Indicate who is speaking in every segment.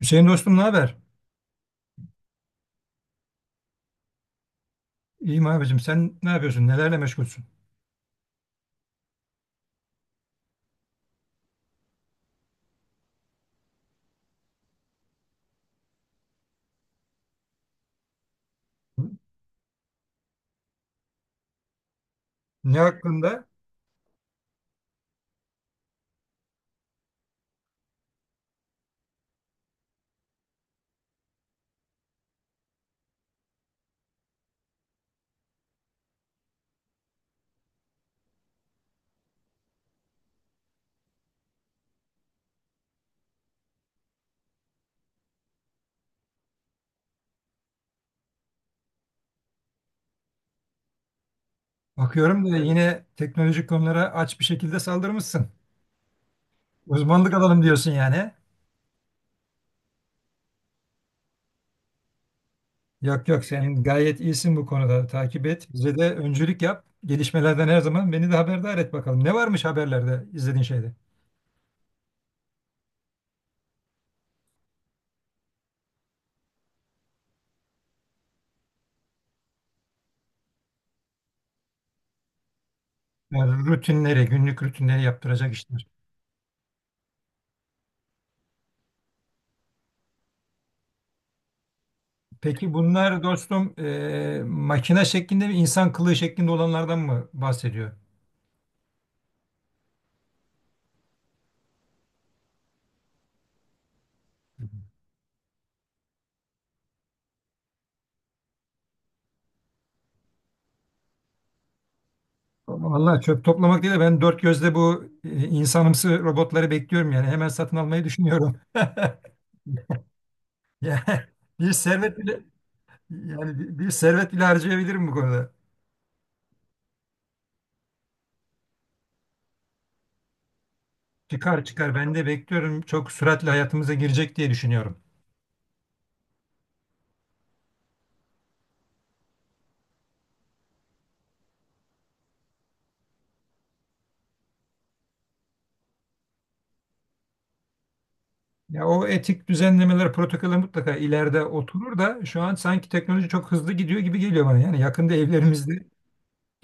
Speaker 1: Hüseyin dostum, ne haber? İyiyim abicim. Sen ne yapıyorsun? Nelerle meşgulsün? Ne hakkında? Bakıyorum da yine teknolojik konulara aç bir şekilde saldırmışsın. Uzmanlık alalım diyorsun yani. Yok yok, sen gayet iyisin bu konuda. Takip et. Bize de öncülük yap. Gelişmelerden her zaman beni de haberdar et bakalım. Ne varmış haberlerde izlediğin şeyde? Yani rutinleri, günlük rutinleri yaptıracak işler. Peki bunlar dostum makine şeklinde mi, insan kılığı şeklinde olanlardan mı bahsediyor? Vallahi çöp toplamak değil de ben dört gözle bu insanımsı robotları bekliyorum, yani hemen satın almayı düşünüyorum. Yani bir servet bile yani bir servet bile harcayabilirim bu konuda. Çıkar çıkar, ben de bekliyorum, çok süratle hayatımıza girecek diye düşünüyorum. Ya o etik düzenlemeler, protokoller mutlaka ileride oturur da şu an sanki teknoloji çok hızlı gidiyor gibi geliyor bana. Yani yakında evlerimizde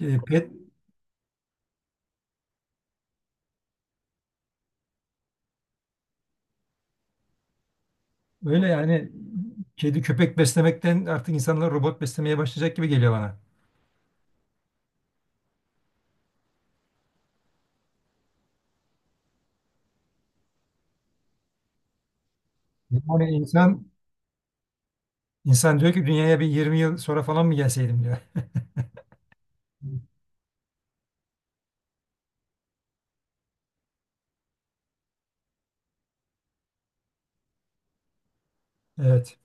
Speaker 1: pet böyle yani, kedi köpek beslemekten artık insanlar robot beslemeye başlayacak gibi geliyor bana. Yani insan İnsan diyor ki, dünyaya bir 20 yıl sonra falan mı gelseydim diyor. Evet.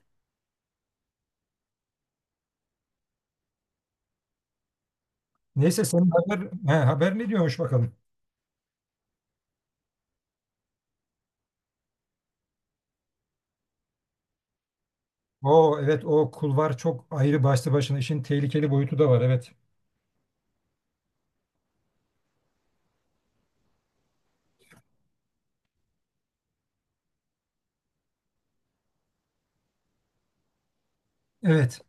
Speaker 1: Neyse senin haber, haber ne diyormuş bakalım. O evet, o kulvar çok ayrı, başlı başına işin tehlikeli boyutu da var, evet. Evet.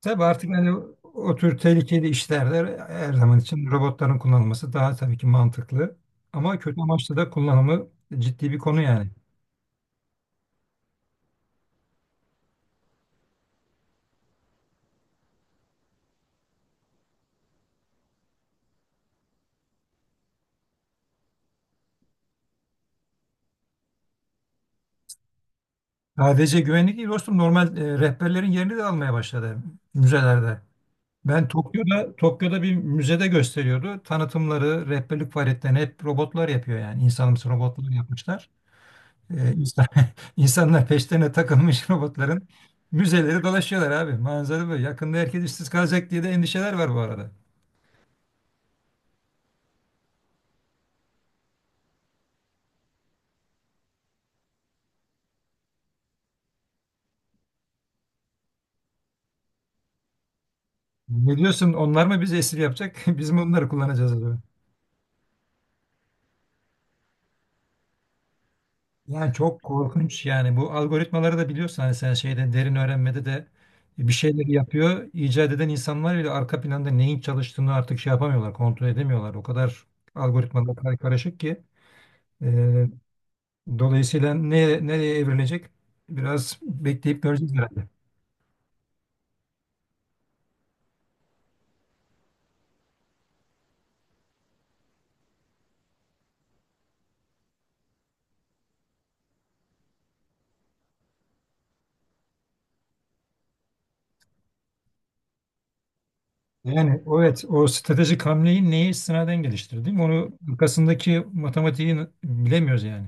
Speaker 1: Tabii artık hani o tür tehlikeli işlerde her zaman için robotların kullanılması daha tabii ki mantıklı. Ama kötü amaçlı da kullanımı ciddi bir konu yani. Sadece güvenlik değil dostum, normal rehberlerin yerini de almaya başladı müzelerde. Ben Tokyo'da bir müzede gösteriyordu. Tanıtımları, rehberlik faaliyetlerini hep robotlar yapıyor yani. İnsanımsı robotlar yapmışlar. İnsan, insanlar peşlerine takılmış robotların müzeleri dolaşıyorlar abi. Manzara böyle. Yakında herkes işsiz kalacak diye de endişeler var bu arada. Ne diyorsun? Onlar mı bizi esir yapacak? Biz mi onları kullanacağız acaba? Yani çok korkunç yani, bu algoritmaları da biliyorsun hani, sen şeyde derin öğrenmede de bir şeyleri yapıyor. İcat eden insanlar bile arka planda neyin çalıştığını artık şey yapamıyorlar, kontrol edemiyorlar. O kadar algoritmalar karışık ki e, dolayısıyla ne, nereye evrilecek biraz bekleyip göreceğiz herhalde. Yani evet, o stratejik hamleyi neye istinaden geliştirdi? Onu, arkasındaki matematiği bilemiyoruz yani.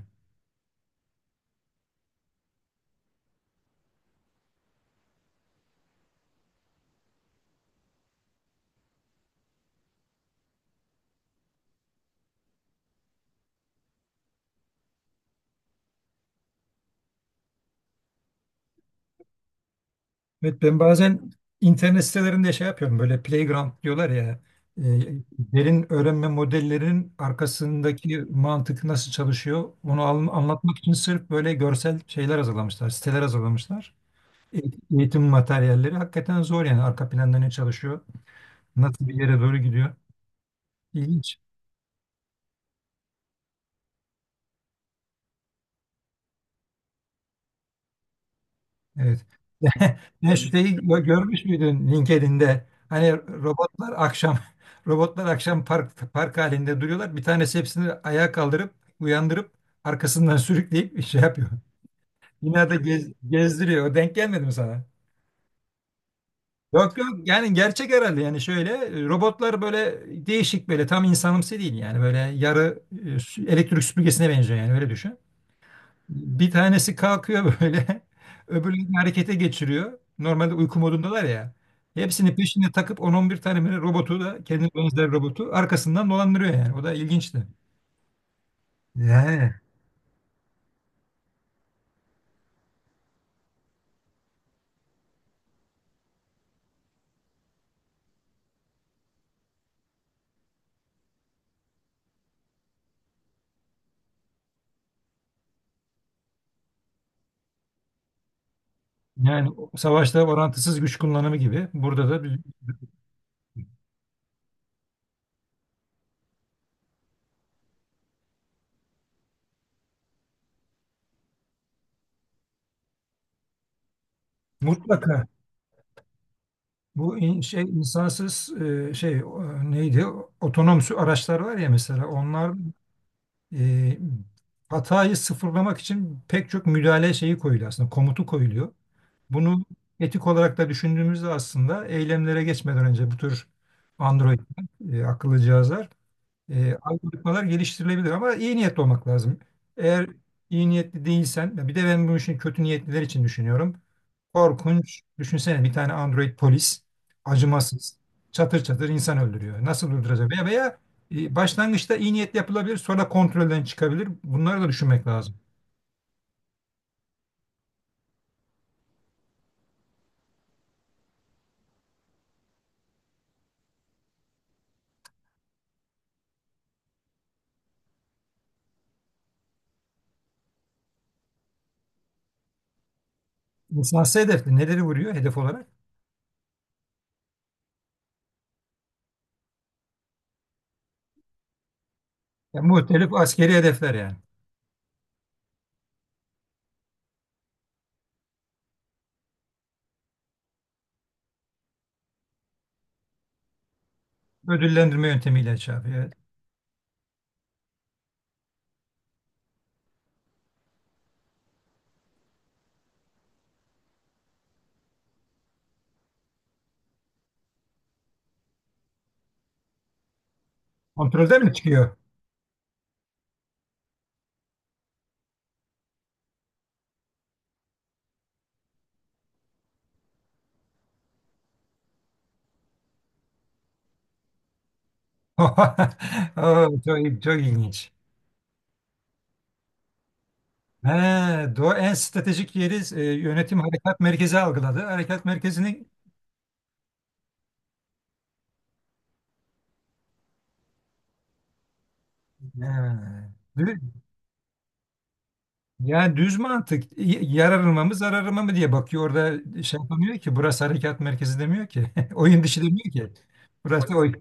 Speaker 1: Evet, ben bazen internet sitelerinde şey yapıyorum, böyle playground diyorlar ya, e, derin öğrenme modellerinin arkasındaki mantık nasıl çalışıyor onu anlatmak için sırf böyle görsel şeyler hazırlamışlar, siteler hazırlamışlar. E- Eğitim materyalleri hakikaten zor, yani arka planda ne çalışıyor, nasıl bir yere doğru gidiyor, ilginç. Evet. Ne şeyi görmüş müydün LinkedIn'de? Hani robotlar akşam robotlar akşam park halinde duruyorlar. Bir tanesi hepsini ayağa kaldırıp uyandırıp arkasından sürükleyip şey yapıyor. Binada gezdiriyor. O denk gelmedi mi sana? Yok yok, yani gerçek herhalde, yani şöyle robotlar böyle değişik, böyle tam insanımsı değil yani, böyle yarı elektrik süpürgesine benziyor yani, öyle düşün. Bir tanesi kalkıyor böyle. Öbürlerini harekete geçiriyor. Normalde uyku modundalar ya. Hepsini peşine takıp 10-11 tane böyle robotu, da kendine benzer robotu arkasından dolandırıyor yani. O da ilginçti. Yani. Yani o, savaşta orantısız güç kullanımı gibi. Burada da mutlaka bu şey insansız şey neydi? Otonom araçlar var ya mesela, onlar e, hatayı sıfırlamak için pek çok müdahale şeyi koyuluyor aslında, komutu koyuluyor. Bunu etik olarak da düşündüğümüzde aslında eylemlere geçmeden önce bu tür Android akıllı cihazlar, algoritmalar geliştirilebilir ama iyi niyetli olmak lazım. Eğer iyi niyetli değilsen, bir de ben bu işin kötü niyetliler için düşünüyorum. Korkunç. Düşünsene, bir tane Android polis acımasız çatır çatır insan öldürüyor. Nasıl durduracak? Veya, veya başlangıçta iyi niyetli yapılabilir, sonra kontrolden çıkabilir. Bunları da düşünmek lazım. İnsansı hedefli neleri vuruyor hedef olarak? Ya, muhtelif askeri hedefler yani. Ödüllendirme yöntemiyle şey yapıyor. Evet. Kontrolden mi çıkıyor? Oo, çok, çok ilginç. He, doğu en stratejik yeri, yönetim harekat merkezi algıladı. Harekat merkezinin he, dü- yani düz mantık, yararıma mı zararıma mı diye bakıyor. Orada şey yapamıyor ki, burası harekat merkezi demiyor ki. Oyun dışı demiyor ki. Burası oy.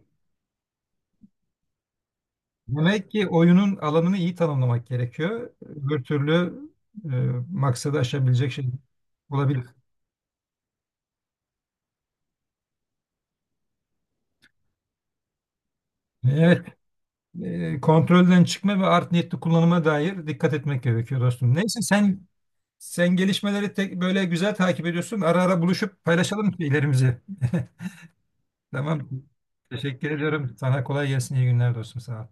Speaker 1: Demek ki oyunun alanını iyi tanımlamak gerekiyor. Öbür türlü e, maksadı aşabilecek şey olabilir. Evet. Kontrolden çıkma ve art niyetli kullanıma dair dikkat etmek gerekiyor dostum. Neyse, sen gelişmeleri böyle güzel takip ediyorsun. Ara ara buluşup paylaşalım şeylerimizi. Tamam. Teşekkür ediyorum. Sana kolay gelsin. İyi günler dostum. Sağ ol.